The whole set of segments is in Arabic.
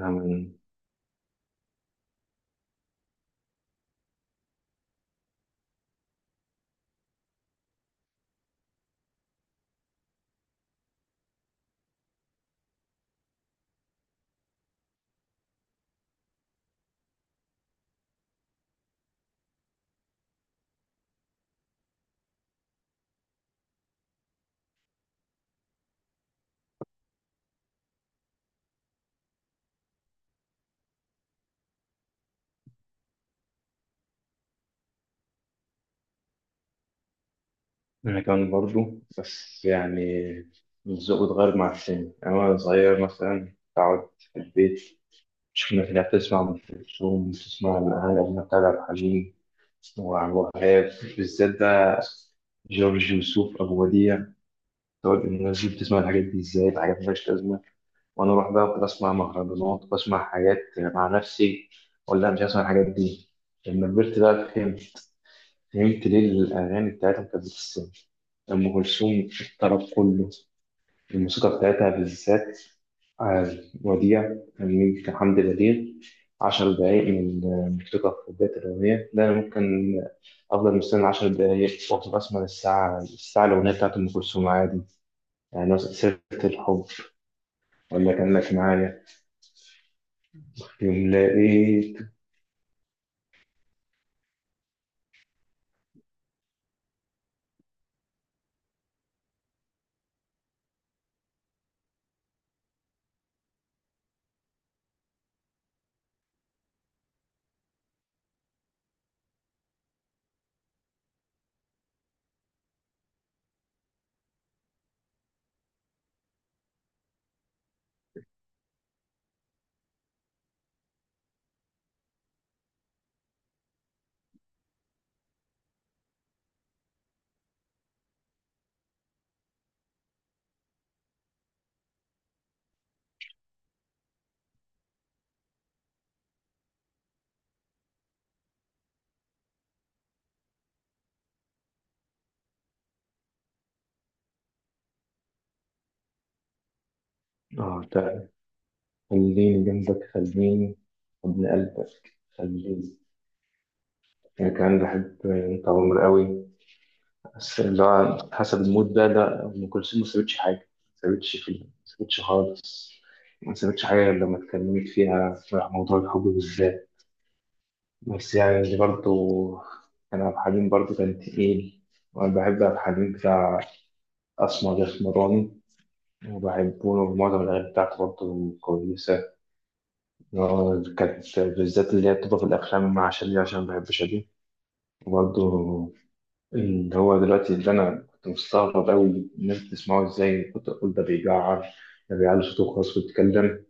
أنا أنا كمان برضو بس يعني الذوق اتغير مع السن، يعني وأنا صغير مثلا قعدت في البيت. مش الناس اللي بتسمع أم كلثوم بتسمع الأغاني القديمة بتاع عبد الحليم وعبد الوهاب، بالذات بقى جورج وسوف أبو وديع. تقعد الناس دي بتسمع الحاجات دي إزاي؟ الحاجات مالهاش لازمة. وأنا أروح بقى كنت أسمع مهرجانات، بسمع حاجات مع نفسي ولا مش هسمع الحاجات دي. لما كبرت بقى فهمت، فهمت ليه الأغاني بتاعتهم كانت بتستمر. أم كلثوم الطرب كله، الموسيقى بتاعتها بالذات. آه، وديع كان حمد بليغ. عشر دقايق من الموسيقى في بداية الأغنية، ده أنا ممكن أفضل مستني 10 دقايق وأفضل أسمع الساعة الأغنية بتاعت أم كلثوم عادي. يعني مثلا سيرة الحب، ولا كأنك معايا، يوم لقيت. آه ده، خليني جنبك، خليني ابن قلبك خليني. يعني كان بحب أنت عمر قوي. بس اللي هو حسب المود ده، لا أم كلثوم ما سابتش حاجة. ما سابتش خالص. ما سابتش حاجة غير لما اتكلمت فيها في موضوع الحب بالذات. بس يعني برضه كان عبد الحليم برضه كان تقيل. وأنا بحب عبد الحليم بتاع أسمر الأسمراني، وبحبه، ومعظم الأغاني بتاعته برضه كويسة. اللي هو كانت بالذات اللي هي بتبقى في الأفلام مع شادية، عشان بحب شادية. وبرضه اللي هو دلوقتي، اللي انا كنت مستغرب قوي الناس بتسمعه ازاي، كنت اقول ده بيجعر، ده بيعلي صوته خالص ويتكلم.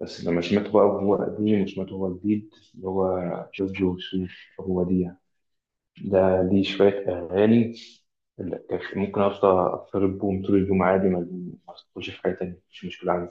بس لما سمعته بقى وهو قديم وسمعته وهو جديد، اللي هو جورج وسوف، هو دي يعني. ده ليه شوية أغاني اللي كان ممكن أفضل أضطرب بهم طول اليوم عادي، ما ما أدخلش في حاجة تانية، مش مشكلة عندي.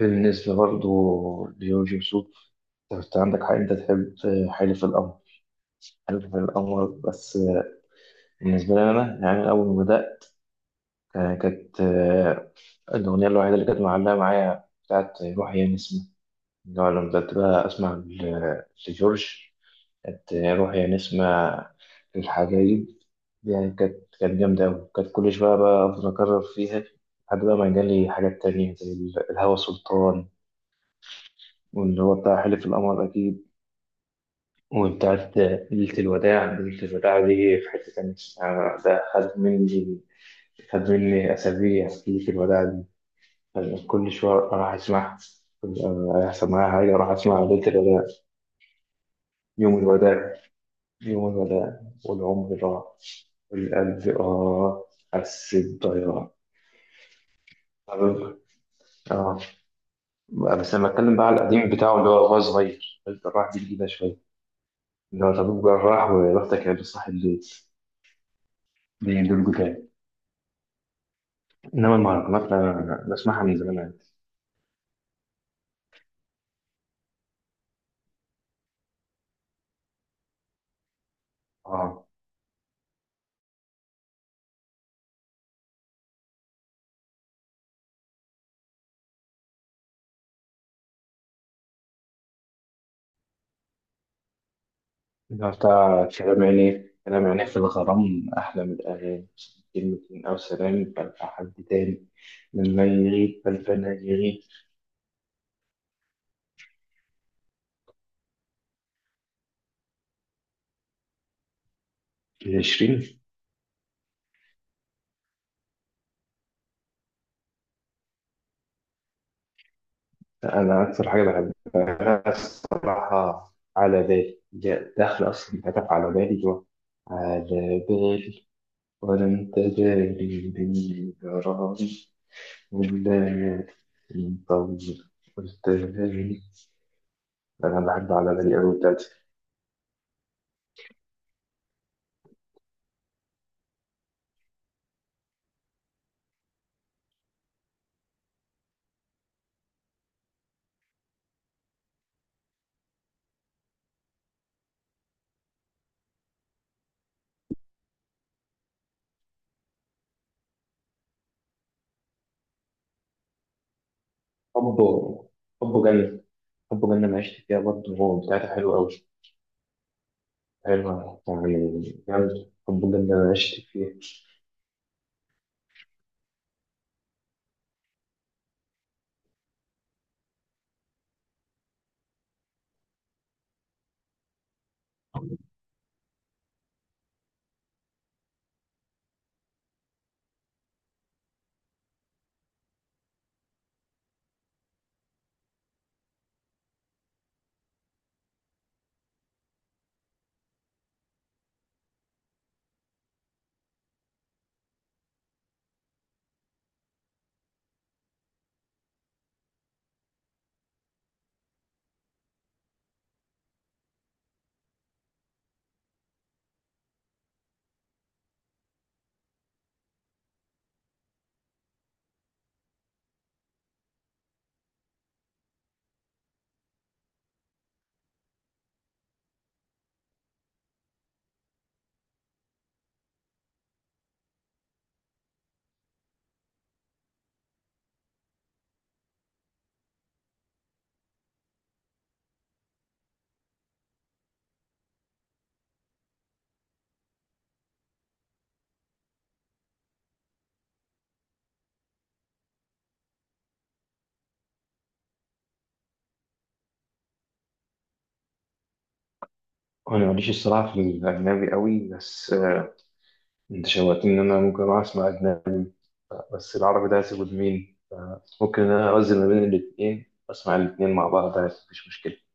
بالنسبة برضه لجورج وسوف، أنت عندك حق أنت تحب حلف القمر. حلف القمر بس. بالنسبة لي أنا، يعني أول ما بدأت كانت الأغنية الوحيدة اللي كانت معلقة معايا بتاعت روحي يا نسمة. اللي هو لما بدأت بقى أسمع لجورج، كانت روحي يا نسمة للحبايب. دي يعني كانت جامدة أوي، كانت كل شوية بقى أفضل أكرر فيها. لحد بقى ما جالي حاجات تانية زي الهوى سلطان، واللي هو بتاع حلف القمر أكيد، وبتاعت ليلة الوداع. ليلة الوداع دي في حتة تانية، يعني ده خد مني أسابيع ليلة الوداع دي. كل شوية أروح أسمعها. هيحصل معايا حاجة أروح أسمع ليلة الوداع. يوم الوداع، يوم الوداع والعمر راح، والقلب آه حسيت ضياع. اه، بس لما اتكلم بقى على القديم بتاعه اللي هو وهو صغير، قلت راح دي جديده شويه، اللي هو طبيب جراح وبختك يا صاحب البيت، دي دول جداد. انما المهرجانات انا بسمعها من زمان عادي. اه، لا، بتاع كلام عيني، كلام عيني في الغرام أحلى من الأغاني كلمة، أو سلام بل حد تاني، لما يغيب بل فلا يغيب. العشرين. أنا أكثر حاجة بحبها الصراحة على بالي جاء داخل، أصلا كتب على بالي جوا، على بالي، ولا أنت جاري، بني جراري، والليالي مطول، قلت لي، أنا بحب على بالي أوي بتاعتي. حبه حبه جنة، حب جنة ما عشت فيها، برضه هو بتاعتها حلوة أوي. حلوة يعني، جامد حب جنة ما عشت فيها. أنا ماليش الصراحة في الأجنبي أوي، بس أنت شوقتني إن أنا ممكن أروح أسمع أجنبي. بس العربي ده هسيبه لمين؟ ممكن إن أنا أوزن ما بين الاتنين، أسمع الاتنين مع بعض عادي، مفيش مشكلة.